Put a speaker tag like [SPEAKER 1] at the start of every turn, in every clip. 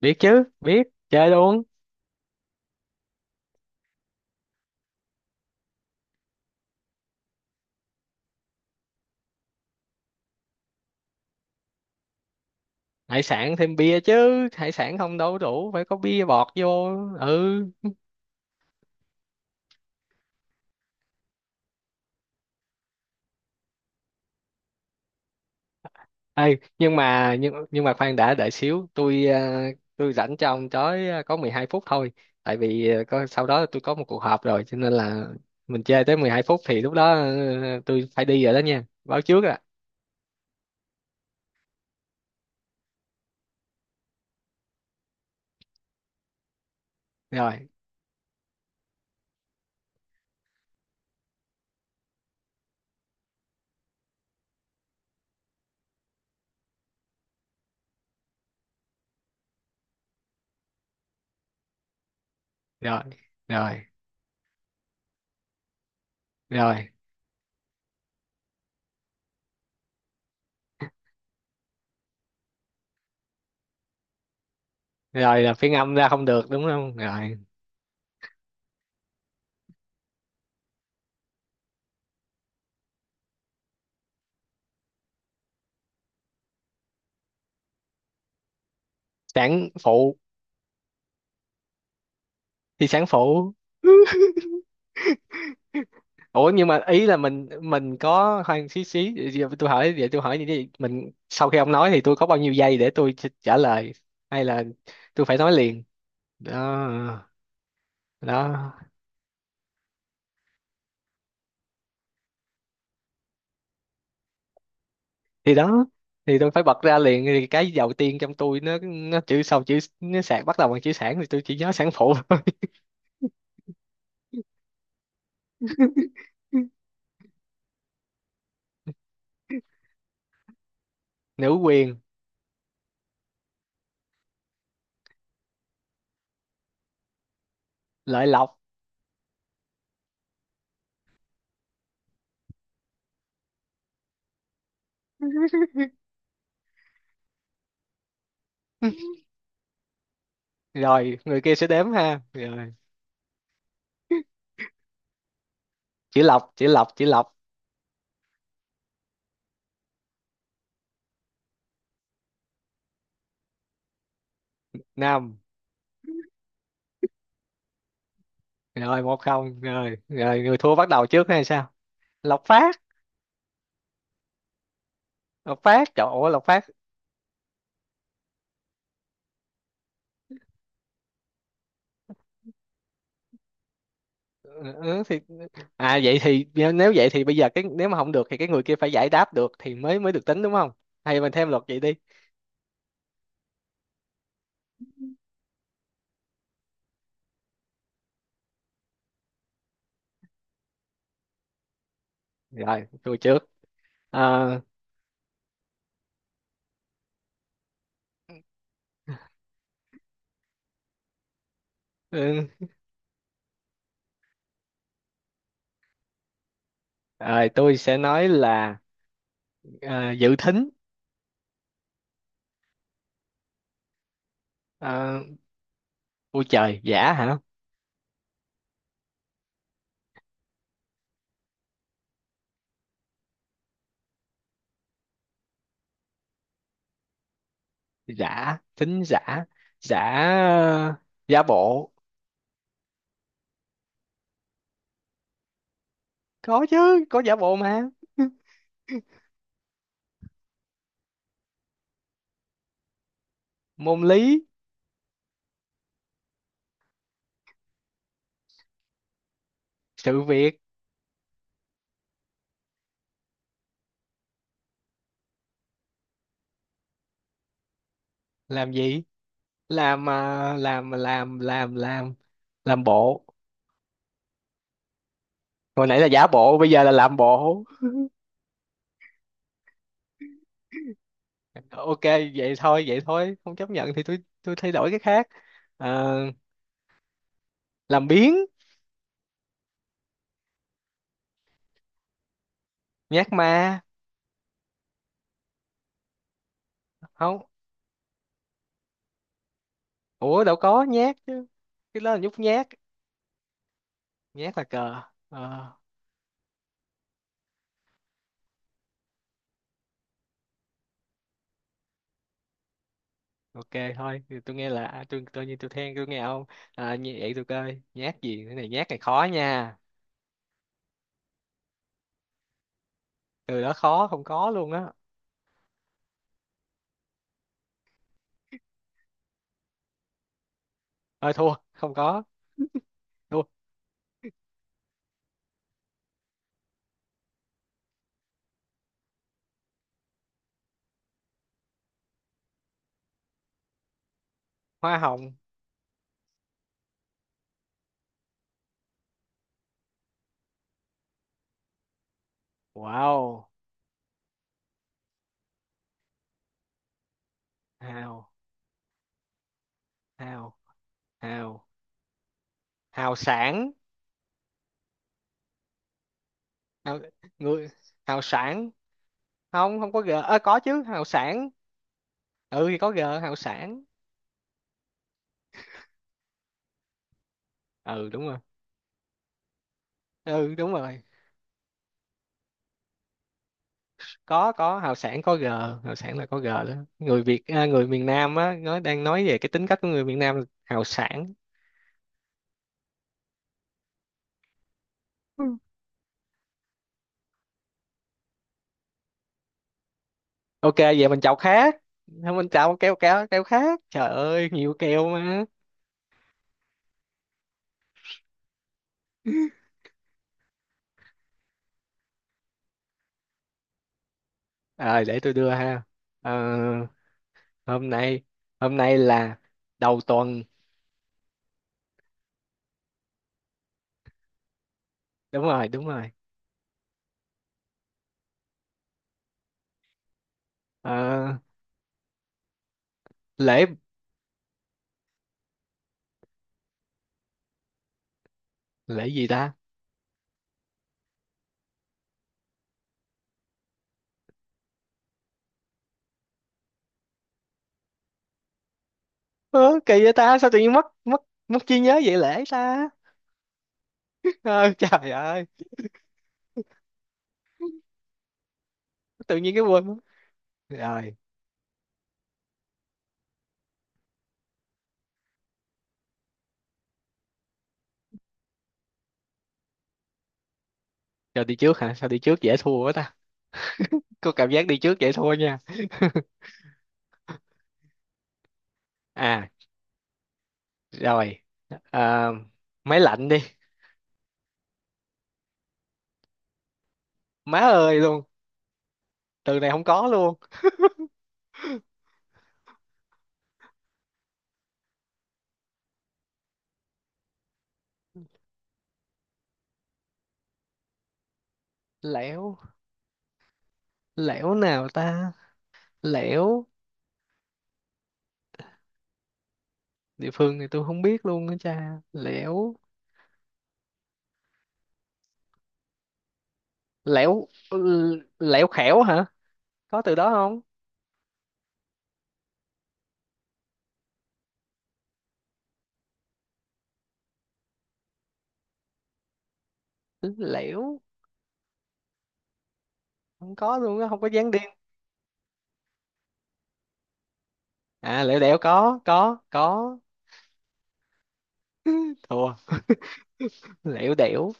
[SPEAKER 1] Biết chứ, biết. Chơi luôn. Hải sản thêm bia chứ, hải sản không đâu đủ, phải có bia bọt vô. Ừ. Ê, nhưng mà khoan đã, đợi xíu tôi à, tôi rảnh cho ông tới à, có 12 phút thôi. Tại vì à, có sau đó tôi có một cuộc họp rồi cho nên là mình chơi tới 12 phút thì lúc đó tôi phải đi rồi đó nha, báo trước à. Rồi, rồi, rồi, rồi, rồi. Là phiên âm ra không được, đúng không? Rồi. Sản phụ. Thì sản phụ. Ủa nhưng mà ý là mình có khoan, xí xí vậy, tôi hỏi như thế này, mình sau khi ông nói thì tôi có bao nhiêu giây để tôi trả lời, hay là tôi phải nói liền? Đó. Đó. Thì đó, thì tôi phải bật ra liền, thì cái đầu tiên trong tôi nó chữ sau chữ nó sạc bắt đầu bằng chữ sản thì tôi chỉ nhớ sản phụ thôi. Nữ quyền. Lợi lộc. Rồi, người kia sẽ đếm ha? Rồi. Chữ lộc, chữ lộc, chữ lộc. Năm. Rồi, 1-0. Rồi rồi, người thua bắt đầu trước hay sao? Lộc Phát. Lộc Phát, trời ơi Lộc Phát. Ừ, ừ, ừ, thì... À, vậy thì nếu vậy thì bây giờ cái nếu mà không được thì cái người kia phải giải đáp được thì mới mới được tính, đúng không? Hay mình thêm luật vậy đi. Rồi, tôi trước. Ờ, ừ, rồi tôi sẽ nói là ờ, dự thính. Ờ, ôi trời, giả hả? Giả thính giả. Giả. ờ, Giả bộ. Có chứ, có giả bộ mà. Môn lý. Sự việc. Làm gì? Làm à, làm Làm bộ. Hồi nãy là giả bộ, bây giờ là làm bộ. Ok. Vậy thôi, vậy thôi, không chấp nhận thì tôi thay đổi cái khác. Ờ, làm biếng. Nhát ma. Không. Ủa đâu có nhát chứ, cái đó là nhút nhát, nhát là cờ. Ờ, ok. Thôi thì tôi nghe là tôi tự nhiên tôi than tôi nghe ông, như vậy tôi coi nhát gì, cái này nhát này khó nha. Từ đó khó, không có luôn á. Ơi, thua không có. Thua. Hoa hồng. Wow. hào hào hào Hào sản. Hào, người. Hào sản. Không, không có g. Ơ, có chứ, hào sản. Ừ thì có g, hào sản. Ừ đúng rồi, ừ đúng rồi. Có, hào sản có g. Hào sản là có g đó. Người Việt, người miền Nam á, nó đang nói về cái tính cách của người miền Nam là hào sản. Ừ. Ok, vậy mình chào khác. Không, mình chào keo keo keo khác, trời ơi nhiều keo mà. Rồi để tôi đưa ha. Ờ, hôm nay. Hôm nay là đầu tuần. Đúng rồi, đúng rồi. Ờ, lễ. Lễ gì ta? Ơ, kỳ vậy ta, sao tự nhiên mất mất mất trí nhớ vậy, lễ ta. Ờ, trời ơi. Tự nhiên cái quên mất. Rồi. Rồi, đi trước hả? Sao đi trước dễ thua quá ta. Có cảm giác đi trước dễ thua nha. À. Rồi. à, Máy lạnh đi. Má ơi luôn, từ này không có luôn. Lẻo, lẻo nào ta? Lẻo. Địa phương này tôi không biết luôn á cha, lẻo. Lẻo, lẻo khẻo hả? Có từ đó không? Lẻo, không có luôn á, không có dáng đi. À liễu đẻo, có có. Thua. Lẻo đẻo.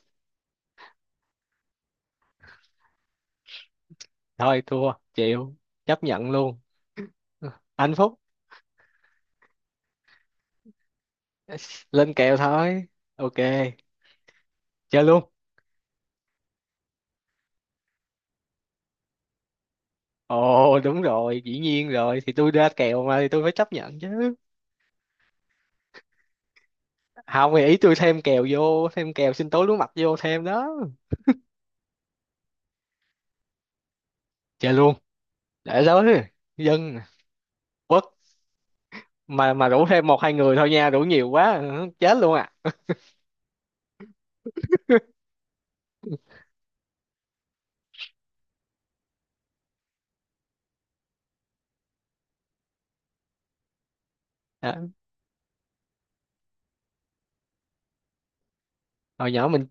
[SPEAKER 1] Thôi thua chịu. Chấp nhận luôn. Ừ. Anh phúc. Lên kèo thôi. Ok. Chơi luôn. Ồ đúng rồi, dĩ nhiên rồi, thì tôi ra kèo mà thì tôi phải chấp nhận chứ. Không, thì ý tôi thêm kèo vô, thêm kèo sinh tố lúa mạch vô thêm đó. Chơi luôn. Để đó. Dân. Quất. Mà rủ thêm một hai người thôi nha, rủ nhiều quá ừ chết luôn à. Đó. hồi nhỏ mình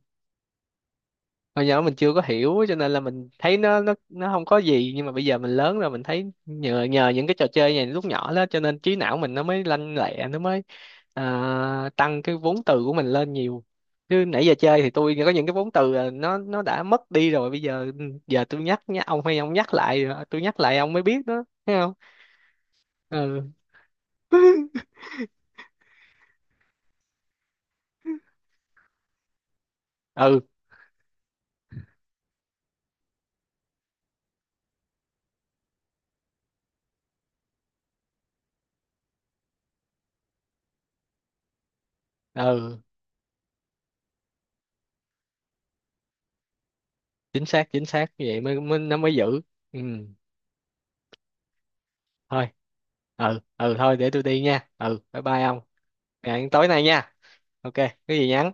[SPEAKER 1] Hồi nhỏ mình chưa có hiểu cho nên là mình thấy nó không có gì, nhưng mà bây giờ mình lớn rồi mình thấy nhờ nhờ những cái trò chơi này lúc nhỏ đó cho nên trí não mình nó mới lanh lẹ, nó mới tăng cái vốn từ của mình lên nhiều, chứ nãy giờ chơi thì tôi có những cái vốn từ là nó đã mất đi rồi bây giờ. Ừ, giờ tôi nhắc nhá ông, hay ông nhắc lại rồi, tôi nhắc lại ông mới biết đó, thấy không? Ừ. Ừ, ừ. Chính xác, chính xác, như vậy mới, mới nó mới giữ. Ừ thôi. Ừ, ừ thôi, để tôi đi nha. Ừ, bye bye ông. Hẹn tối nay nha. Ok. Cái gì, nhắn.